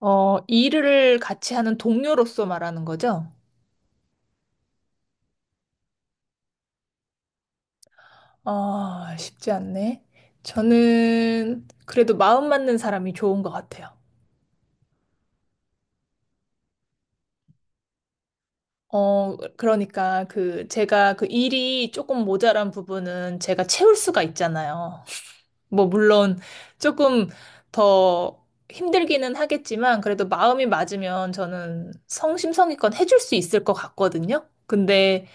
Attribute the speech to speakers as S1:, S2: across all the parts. S1: 일을 같이 하는 동료로서 말하는 거죠? 아, 쉽지 않네. 저는 그래도 마음 맞는 사람이 좋은 것 같아요. 그러니까 그 제가 그 일이 조금 모자란 부분은 제가 채울 수가 있잖아요. 뭐 물론 조금 더 힘들기는 하겠지만 그래도 마음이 맞으면 저는 성심성의껏 해줄 수 있을 것 같거든요. 근데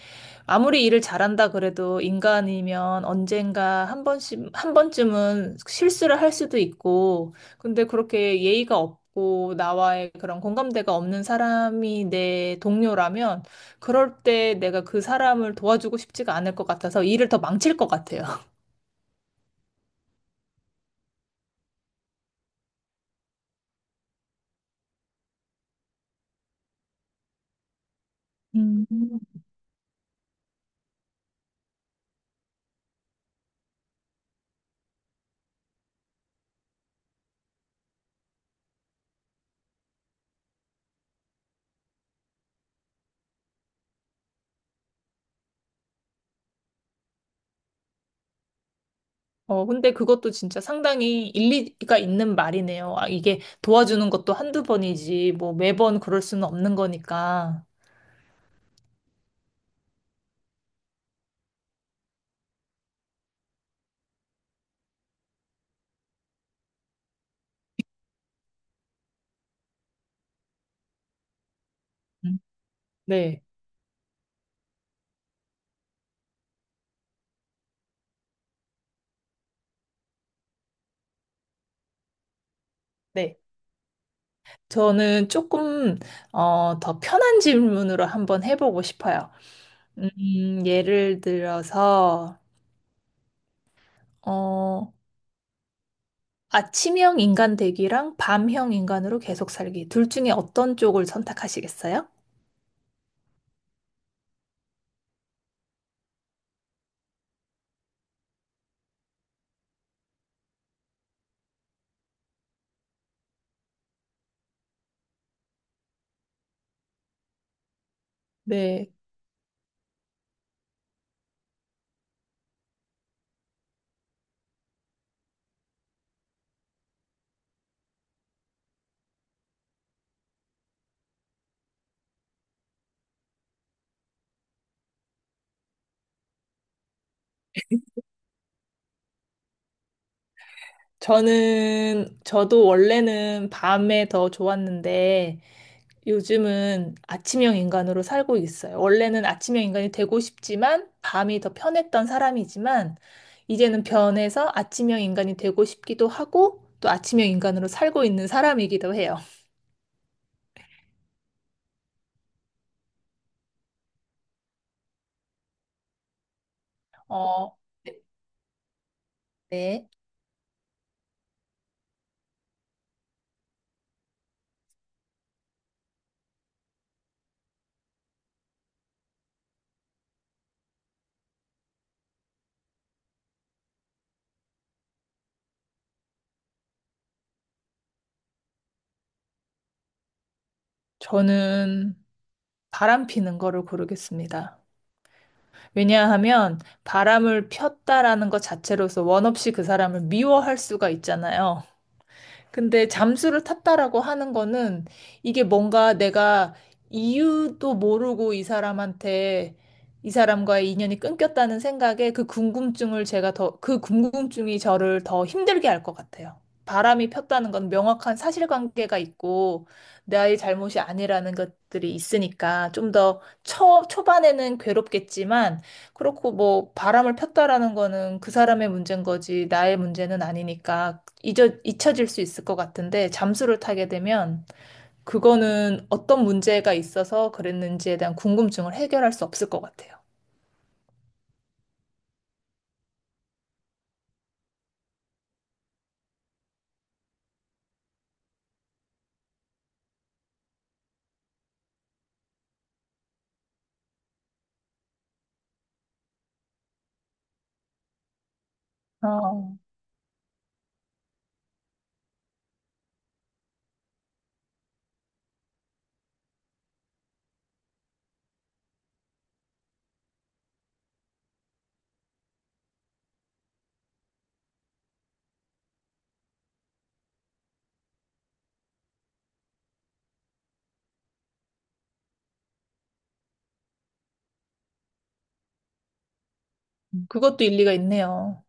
S1: 아무리 일을 잘한다 그래도 인간이면 언젠가 한 번씩, 한 번쯤은 실수를 할 수도 있고, 근데 그렇게 예의가 없고, 나와의 그런 공감대가 없는 사람이 내 동료라면, 그럴 때 내가 그 사람을 도와주고 싶지가 않을 것 같아서 일을 더 망칠 것 같아요. 음. 근데 그것도 진짜 상당히 일리가 있는 말이네요. 아, 이게 도와주는 것도 한두 번이지, 뭐 매번 그럴 수는 없는 거니까. 음. 네. 네. 저는 조금 더 편한 질문으로 한번 해보고 싶어요. 예를 들어서 어, 아침형 인간 되기랑 밤형 인간으로 계속 살기 둘 중에 어떤 쪽을 선택하시겠어요? 네, 저는 저도 원래는 밤에 더 좋았는데 요즘은 아침형 인간으로 살고 있어요. 원래는 아침형 인간이 되고 싶지만 밤이 더 편했던 사람이지만 이제는 변해서 아침형 인간이 되고 싶기도 하고 또 아침형 인간으로 살고 있는 사람이기도 해요. 어, 네. 저는 바람 피는 거를 고르겠습니다. 왜냐하면 바람을 폈다라는 것 자체로서 원 없이 그 사람을 미워할 수가 있잖아요. 근데 잠수를 탔다라고 하는 거는 이게 뭔가 내가 이유도 모르고 이 사람한테 이 사람과의 인연이 끊겼다는 생각에 그 궁금증을 제가 더, 그 궁금증이 저를 더 힘들게 할 것 같아요. 바람이 폈다는 건 명확한 사실관계가 있고 나의 잘못이 아니라는 것들이 있으니까 좀 더 초, 초반에는 괴롭겠지만 그렇고 뭐 바람을 폈다라는 거는 그 사람의 문제인 거지 나의 문제는 아니니까 잊어, 잊혀질 수 있을 것 같은데 잠수를 타게 되면 그거는 어떤 문제가 있어서 그랬는지에 대한 궁금증을 해결할 수 없을 것 같아요. 어, 그것도 일리가 있네요.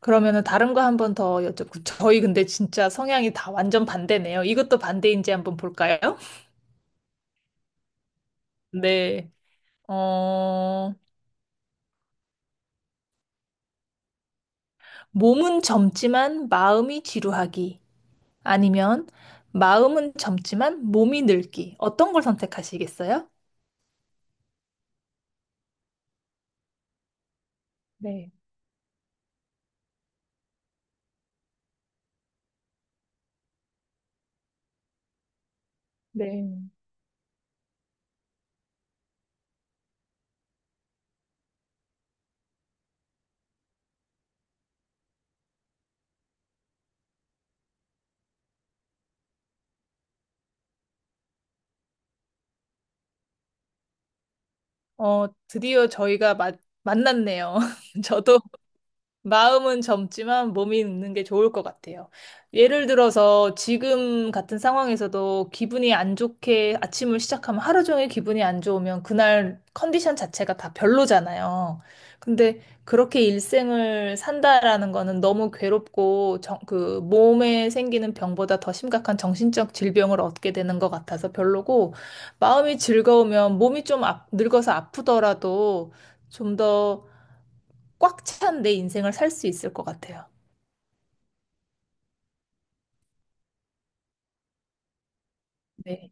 S1: 그러면은 다른 거 한 번 더 여쭤보고 저희 근데 진짜 성향이 다 완전 반대네요. 이것도 반대인지 한번 볼까요? 네. 어, 몸은 젊지만 마음이 지루하기 아니면 마음은 젊지만 몸이 늙기 어떤 걸 선택하시겠어요? 네, 네. 어, 드디어 저희가 마, 만났네요. 저도 마음은 젊지만 몸이 늙는 게 좋을 것 같아요. 예를 들어서 지금 같은 상황에서도 기분이 안 좋게 아침을 시작하면 하루 종일 기분이 안 좋으면 그날 컨디션 자체가 다 별로잖아요. 근데 그렇게 일생을 산다라는 거는 너무 괴롭고 정, 그 몸에 생기는 병보다 더 심각한 정신적 질병을 얻게 되는 것 같아서 별로고 마음이 즐거우면 몸이 좀 아- 늙어서 아프더라도 좀더 꽉 찬 내 인생을 살 수 있을 것 같아요. 네.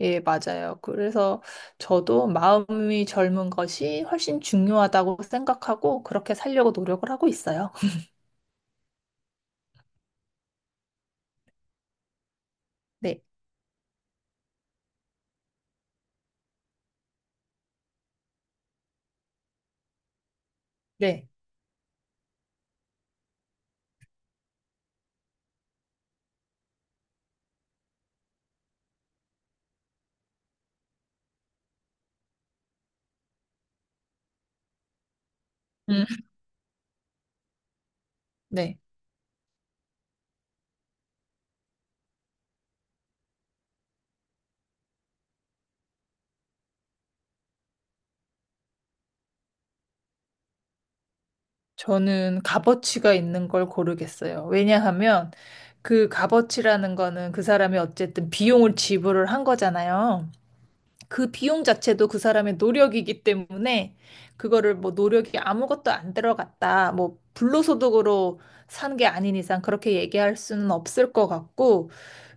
S1: 예, 맞아요. 그래서 저도 마음이 젊은 것이 훨씬 중요하다고 생각하고 그렇게 살려고 노력을 하고 있어요. 네. 네. 음. 네. 저는 값어치가 있는 걸 고르겠어요. 왜냐하면 그 값어치라는 거는 그 사람이 어쨌든 비용을 지불을 한 거잖아요. 그 비용 자체도 그 사람의 노력이기 때문에 그거를 뭐 노력이 아무것도 안 들어갔다. 뭐 불로소득으로 산 게 아닌 이상 그렇게 얘기할 수는 없을 것 같고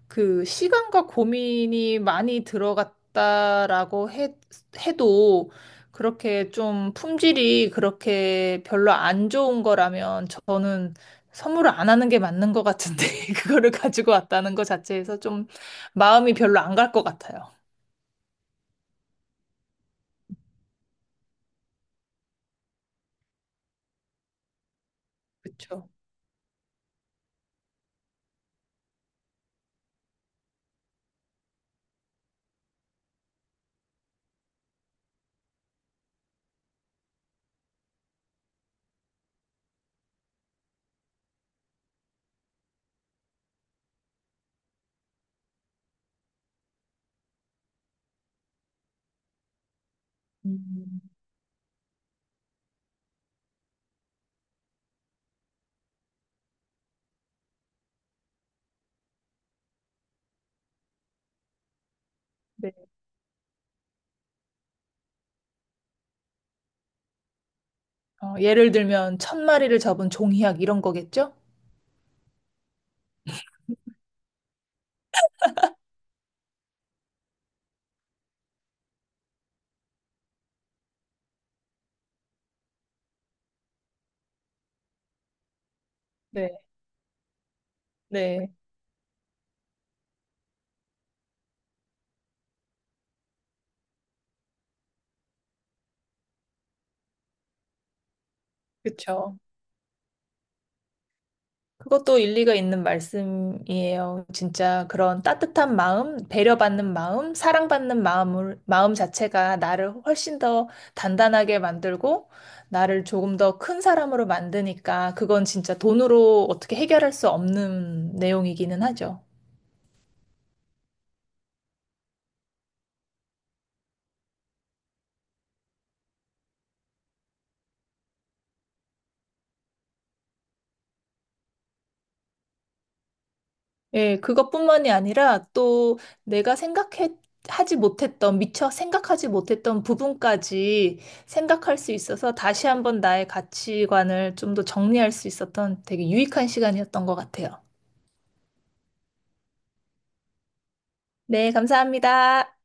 S1: 그 시간과 고민이 많이 들어갔다라고 해, 해도 그렇게 좀 품질이 그렇게 별로 안 좋은 거라면 저는 선물을 안 하는 게 맞는 것 같은데 그거를 가지고 왔다는 것 자체에서 좀 마음이 별로 안 갈 것 같아요. 그쵸. 음, 네. 예를 들면 천 마리를 접은 종이학 이런 거겠죠? 네, 네, 그렇죠. 그것도 일리가 있는 말씀이에요. 진짜 그런 따뜻한 마음, 배려받는 마음, 사랑받는 마음을, 마음 자체가 나를 훨씬 더 단단하게 만들고 나를 조금 더 큰 사람으로 만드니까 그건 진짜 돈으로 어떻게 해결할 수 없는 내용이기는 하죠. 예, 그것뿐만이 아니라 또 내가 생각해 하지 못했던, 미처 생각하지 못했던 부분까지 생각할 수 있어서 다시 한번 나의 가치관을 좀 더 정리할 수 있었던 되게 유익한 시간이었던 것 같아요. 네, 감사합니다.